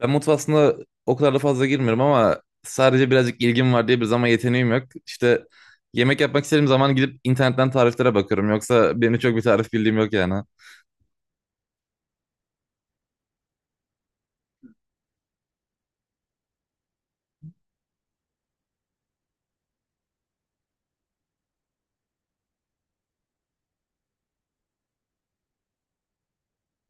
Ben mutfağa aslında o kadar da fazla girmiyorum ama sadece birazcık ilgim var diye bir zaman yeteneğim yok. İşte yemek yapmak istediğim zaman gidip internetten tariflere bakıyorum. Yoksa benim çok bir tarif bildiğim yok yani.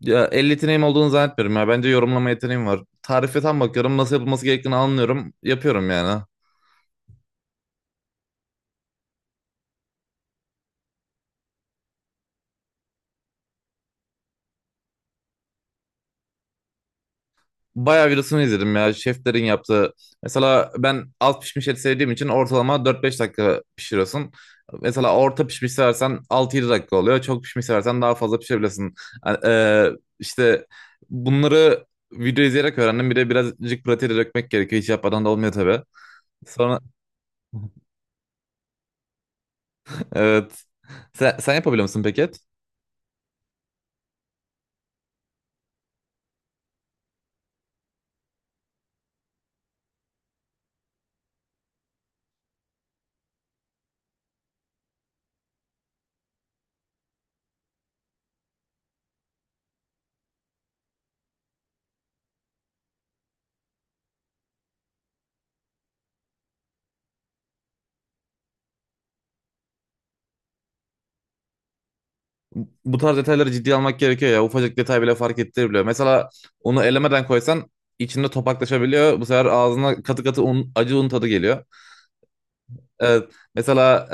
Ya el yeteneğim olduğunu zannetmiyorum ya. Bence yorumlama yeteneğim var. Tarife tam bakıyorum. Nasıl yapılması gerektiğini anlıyorum. Yapıyorum yani. Bayağı videosunu izledim ya şeflerin yaptığı. Mesela ben az pişmiş et sevdiğim için ortalama 4-5 dakika pişiriyorsun. Mesela orta pişmiş seversen 6-7 dakika oluyor. Çok pişmiş seversen daha fazla pişirebilirsin. Yani, işte bunları video izleyerek öğrendim. Bir de birazcık pratiğe dökmek gerekiyor. Hiç yapmadan da olmuyor tabii. Sonra evet. Sen yapabiliyor musun peki et? Bu tarz detayları ciddiye almak gerekiyor ya. Ufacık detay bile fark ettirebiliyor. Mesela onu elemeden koysan içinde topaklaşabiliyor. Bu sefer ağzına katı katı un, acı un tadı geliyor. Evet, mesela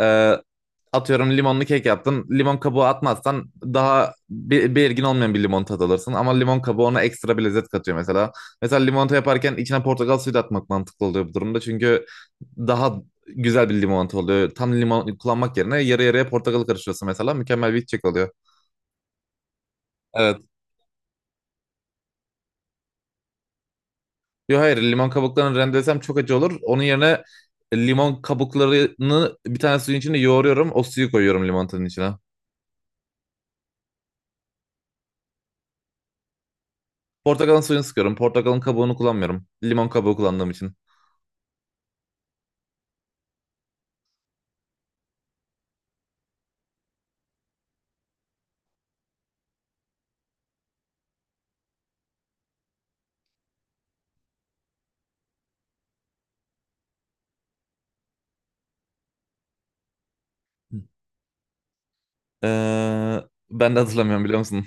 atıyorum limonlu kek yaptın. Limon kabuğu atmazsan daha belirgin olmayan bir limon tadı alırsın. Ama limon kabuğu ona ekstra bir lezzet katıyor mesela. Mesela limonata yaparken içine portakal suyu da atmak mantıklı oluyor bu durumda. Çünkü daha güzel bir limonata oluyor. Tam limon kullanmak yerine yarı yarıya portakal karıştırıyorsun mesela. Mükemmel bir içecek oluyor. Evet. Yo hayır, limon kabuklarını rendelesem çok acı olur. Onun yerine limon kabuklarını bir tane suyun içine yoğuruyorum. O suyu koyuyorum limonatın içine. Portakalın suyunu sıkıyorum. Portakalın kabuğunu kullanmıyorum. Limon kabuğu kullandığım için. Ee, ben de hatırlamıyorum biliyor musun?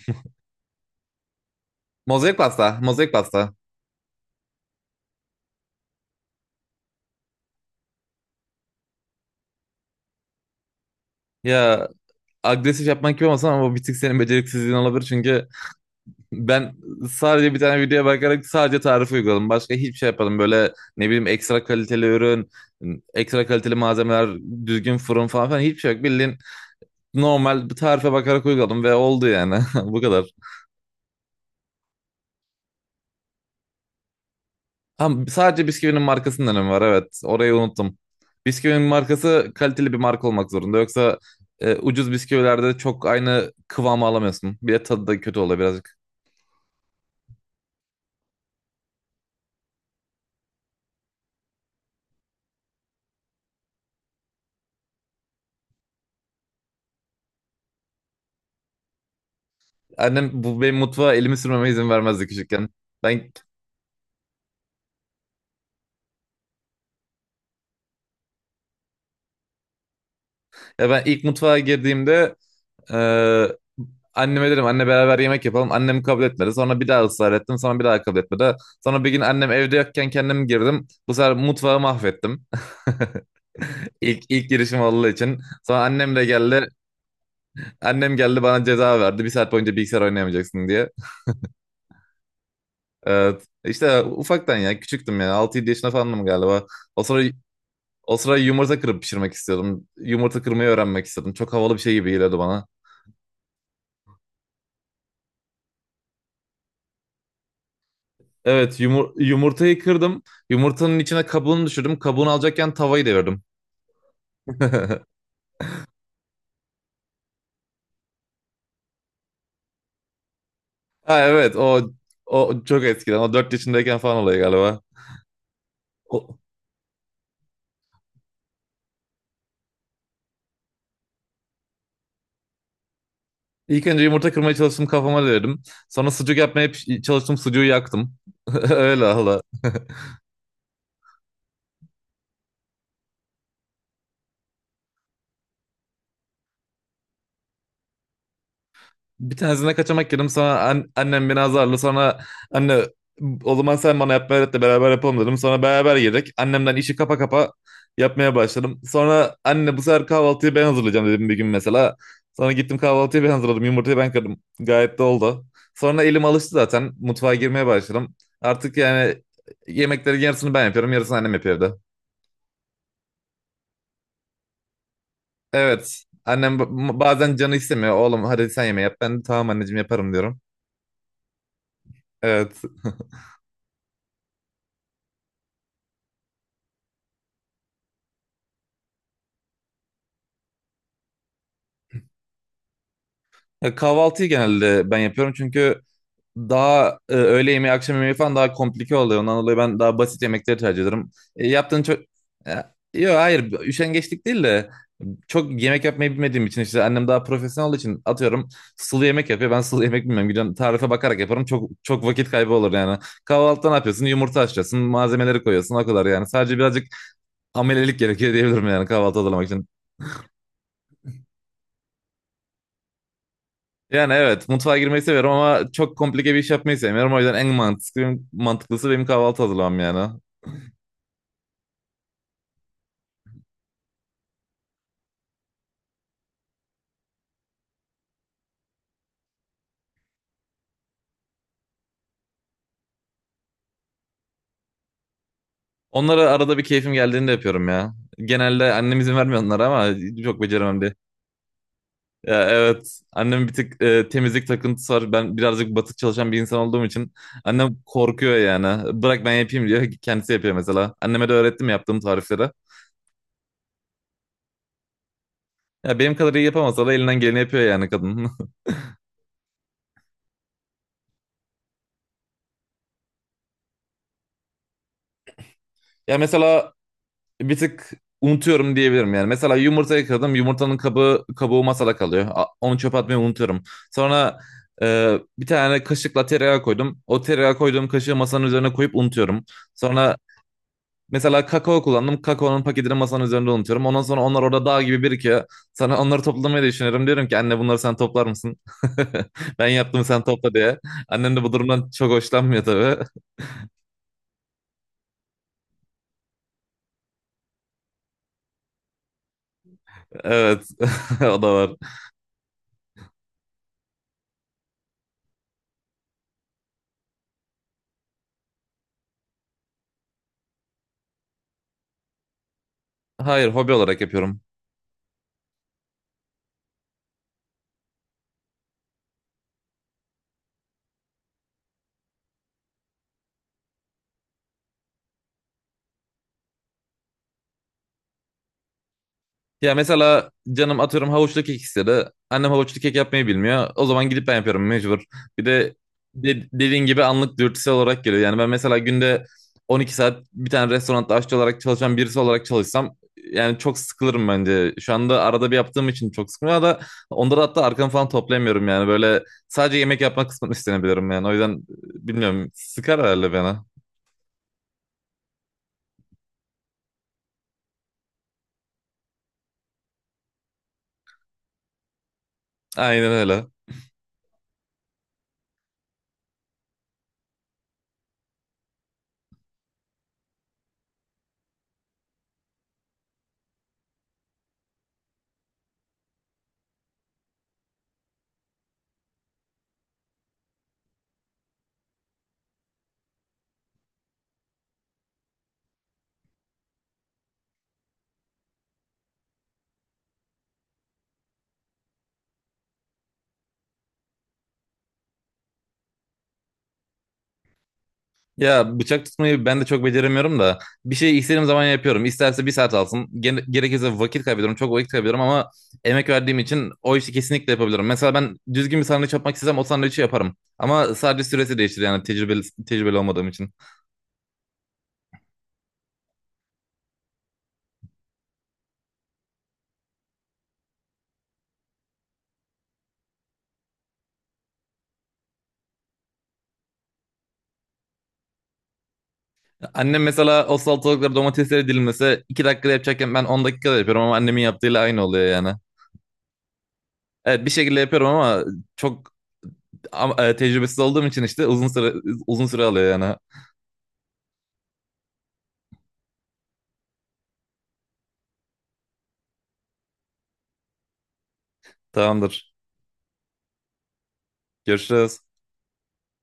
Mozaik pasta. Mozaik pasta. Ya agresif yapmak gibi olmasın ama bu bir tık senin beceriksizliğin olabilir. Çünkü ben sadece bir tane videoya bakarak sadece tarif uyguladım. Başka hiçbir şey yapmadım. Böyle ne bileyim, ekstra kaliteli ürün, ekstra kaliteli malzemeler, düzgün fırın falan filan, hiçbir şey yok. Bildiğin normal bir tarife bakarak uyguladım ve oldu yani. Bu kadar. Ama sadece bisküvinin markasının önemi var, evet. Orayı unuttum. Bisküvinin markası kaliteli bir marka olmak zorunda. Yoksa ucuz bisküvilerde çok aynı kıvamı alamıyorsun. Bir de tadı da kötü oluyor. Biraz. Annem bu benim mutfağa elimi sürmeme izin vermezdi küçükken. Ben ya ben ilk mutfağa girdiğimde e, anneme dedim anne beraber yemek yapalım. Annem kabul etmedi. Sonra bir daha ısrar ettim. Sonra bir daha kabul etmedi. Sonra bir gün annem evde yokken kendim girdim. Bu sefer mutfağı mahvettim. İlk girişim olduğu için. Sonra annem de geldi. Annem geldi bana ceza verdi. Bir saat boyunca bilgisayar oynayamayacaksın diye. Evet. İşte ufaktan, ya küçüktüm yani. 6-7 yaşında falandım galiba. O sıra, o sıra yumurta kırıp pişirmek istiyordum. Yumurta kırmayı öğrenmek istedim. Çok havalı bir şey gibi geliyordu bana. Evet, yumurtayı kırdım. Yumurtanın içine kabuğunu düşürdüm. Kabuğunu alacakken tavayı devirdim. Ha evet, o çok eskiden. O 4 yaşındayken falan oluyor galiba. O, ilk önce yumurta kırmaya çalıştım, kafama devirdim. Sonra sucuk yapmaya çalıştım, sucuğu yaktım. Öyle. Bir tanesine kaçamak yedim, sonra annem beni azarlı, sonra anne o zaman sen bana yapmayı öğret de beraber yapalım dedim. Sonra beraber yedik. Annemden işi kapa kapa yapmaya başladım. Sonra anne bu sefer kahvaltıyı ben hazırlayacağım dedim bir gün mesela. Sonra gittim, kahvaltıyı ben hazırladım. Yumurtayı ben kırdım. Gayet de oldu. Sonra elim alıştı zaten. Mutfağa girmeye başladım. Artık yani yemeklerin yarısını ben yapıyorum. Yarısını annem yapıyor evde. Evet. Annem bazen canı istemiyor. Oğlum hadi sen yemeği yap. Ben de tamam anneciğim yaparım diyorum. Evet. Ya kahvaltıyı genelde ben yapıyorum çünkü daha öğle yemeği, akşam yemeği falan daha komplike oluyor. Ondan dolayı ben daha basit yemekleri tercih ederim. E, yaptığın çok... Yok hayır, üşengeçlik değil de çok yemek yapmayı bilmediğim için, işte annem daha profesyonel olduğu için, atıyorum sulu yemek yapıyor. Ben sulu yemek bilmiyorum. Gidiyorum tarife bakarak yaparım. Çok çok vakit kaybı olur yani. Kahvaltıda ne yapıyorsun? Yumurta haşlıyorsun, malzemeleri koyuyorsun, o kadar yani. Sadece birazcık amelelik gerekiyor diyebilirim yani kahvaltı hazırlamak için. Yani evet, mutfağa girmeyi seviyorum ama çok komplike bir iş yapmayı sevmiyorum. O yüzden en mantıklısı benim kahvaltı hazırlamam yani. Onları arada bir keyfim geldiğinde yapıyorum ya. Genelde annem izin vermiyor onlara, ama çok beceremem diye. Ya evet, annem bir tık temizlik takıntısı var. Ben birazcık batık çalışan bir insan olduğum için annem korkuyor yani. Bırak ben yapayım diyor. Kendisi yapıyor mesela. Anneme de öğrettim yaptığım tarifleri. Ya benim kadar iyi yapamasa da elinden geleni yapıyor yani kadın. Ya mesela bir tık unutuyorum diyebilirim yani. Mesela yumurta kırdım. Yumurtanın kabı, kabuğu masada kalıyor. Onu çöpe atmayı unutuyorum. Sonra bir tane kaşıkla tereyağı koydum. O tereyağı koyduğum kaşığı masanın üzerine koyup unutuyorum. Sonra mesela kakao kullandım. Kakaonun paketini masanın üzerinde unutuyorum. Ondan sonra onlar orada dağ gibi birikiyor. Sana onları toplamayı düşünüyorum. Diyorum ki anne bunları sen toplar mısın? Ben yaptım sen topla diye. Annem de bu durumdan çok hoşlanmıyor tabii. Evet. O da var. Hayır, hobi olarak yapıyorum. Ya mesela canım atıyorum havuçlu kek istedi. Annem havuçlu kek yapmayı bilmiyor. O zaman gidip ben yapıyorum mecbur. Bir de, dediğin gibi anlık dürtüsel olarak geliyor. Yani ben mesela günde 12 saat bir tane restoranda aşçı olarak çalışan birisi olarak çalışsam yani çok sıkılırım bence. Şu anda arada bir yaptığım için çok sıkılıyor da, onda da hatta arkamı falan toplayamıyorum yani. Böyle sadece yemek yapmak kısmını üstlenebilirim yani. O yüzden bilmiyorum, sıkar herhalde bana. Aynen öyle. Ya bıçak tutmayı ben de çok beceremiyorum da bir şey istediğim zaman yapıyorum. İsterse bir saat alsın. Gerekirse vakit kaybediyorum. Çok vakit kaybediyorum ama emek verdiğim için o işi kesinlikle yapabilirim. Mesela ben düzgün bir sandviç yapmak istesem o sandviçi yaparım. Ama sadece süresi değişir yani tecrübeli olmadığım için. Annem mesela o salatalıkları, domatesleri dilimlese 2 dakikada yapacakken ben 10 dakikada yapıyorum ama annemin yaptığıyla aynı oluyor yani. Evet, bir şekilde yapıyorum ama çok, ama tecrübesiz olduğum için işte uzun süre alıyor yani. Tamamdır. Görüşürüz.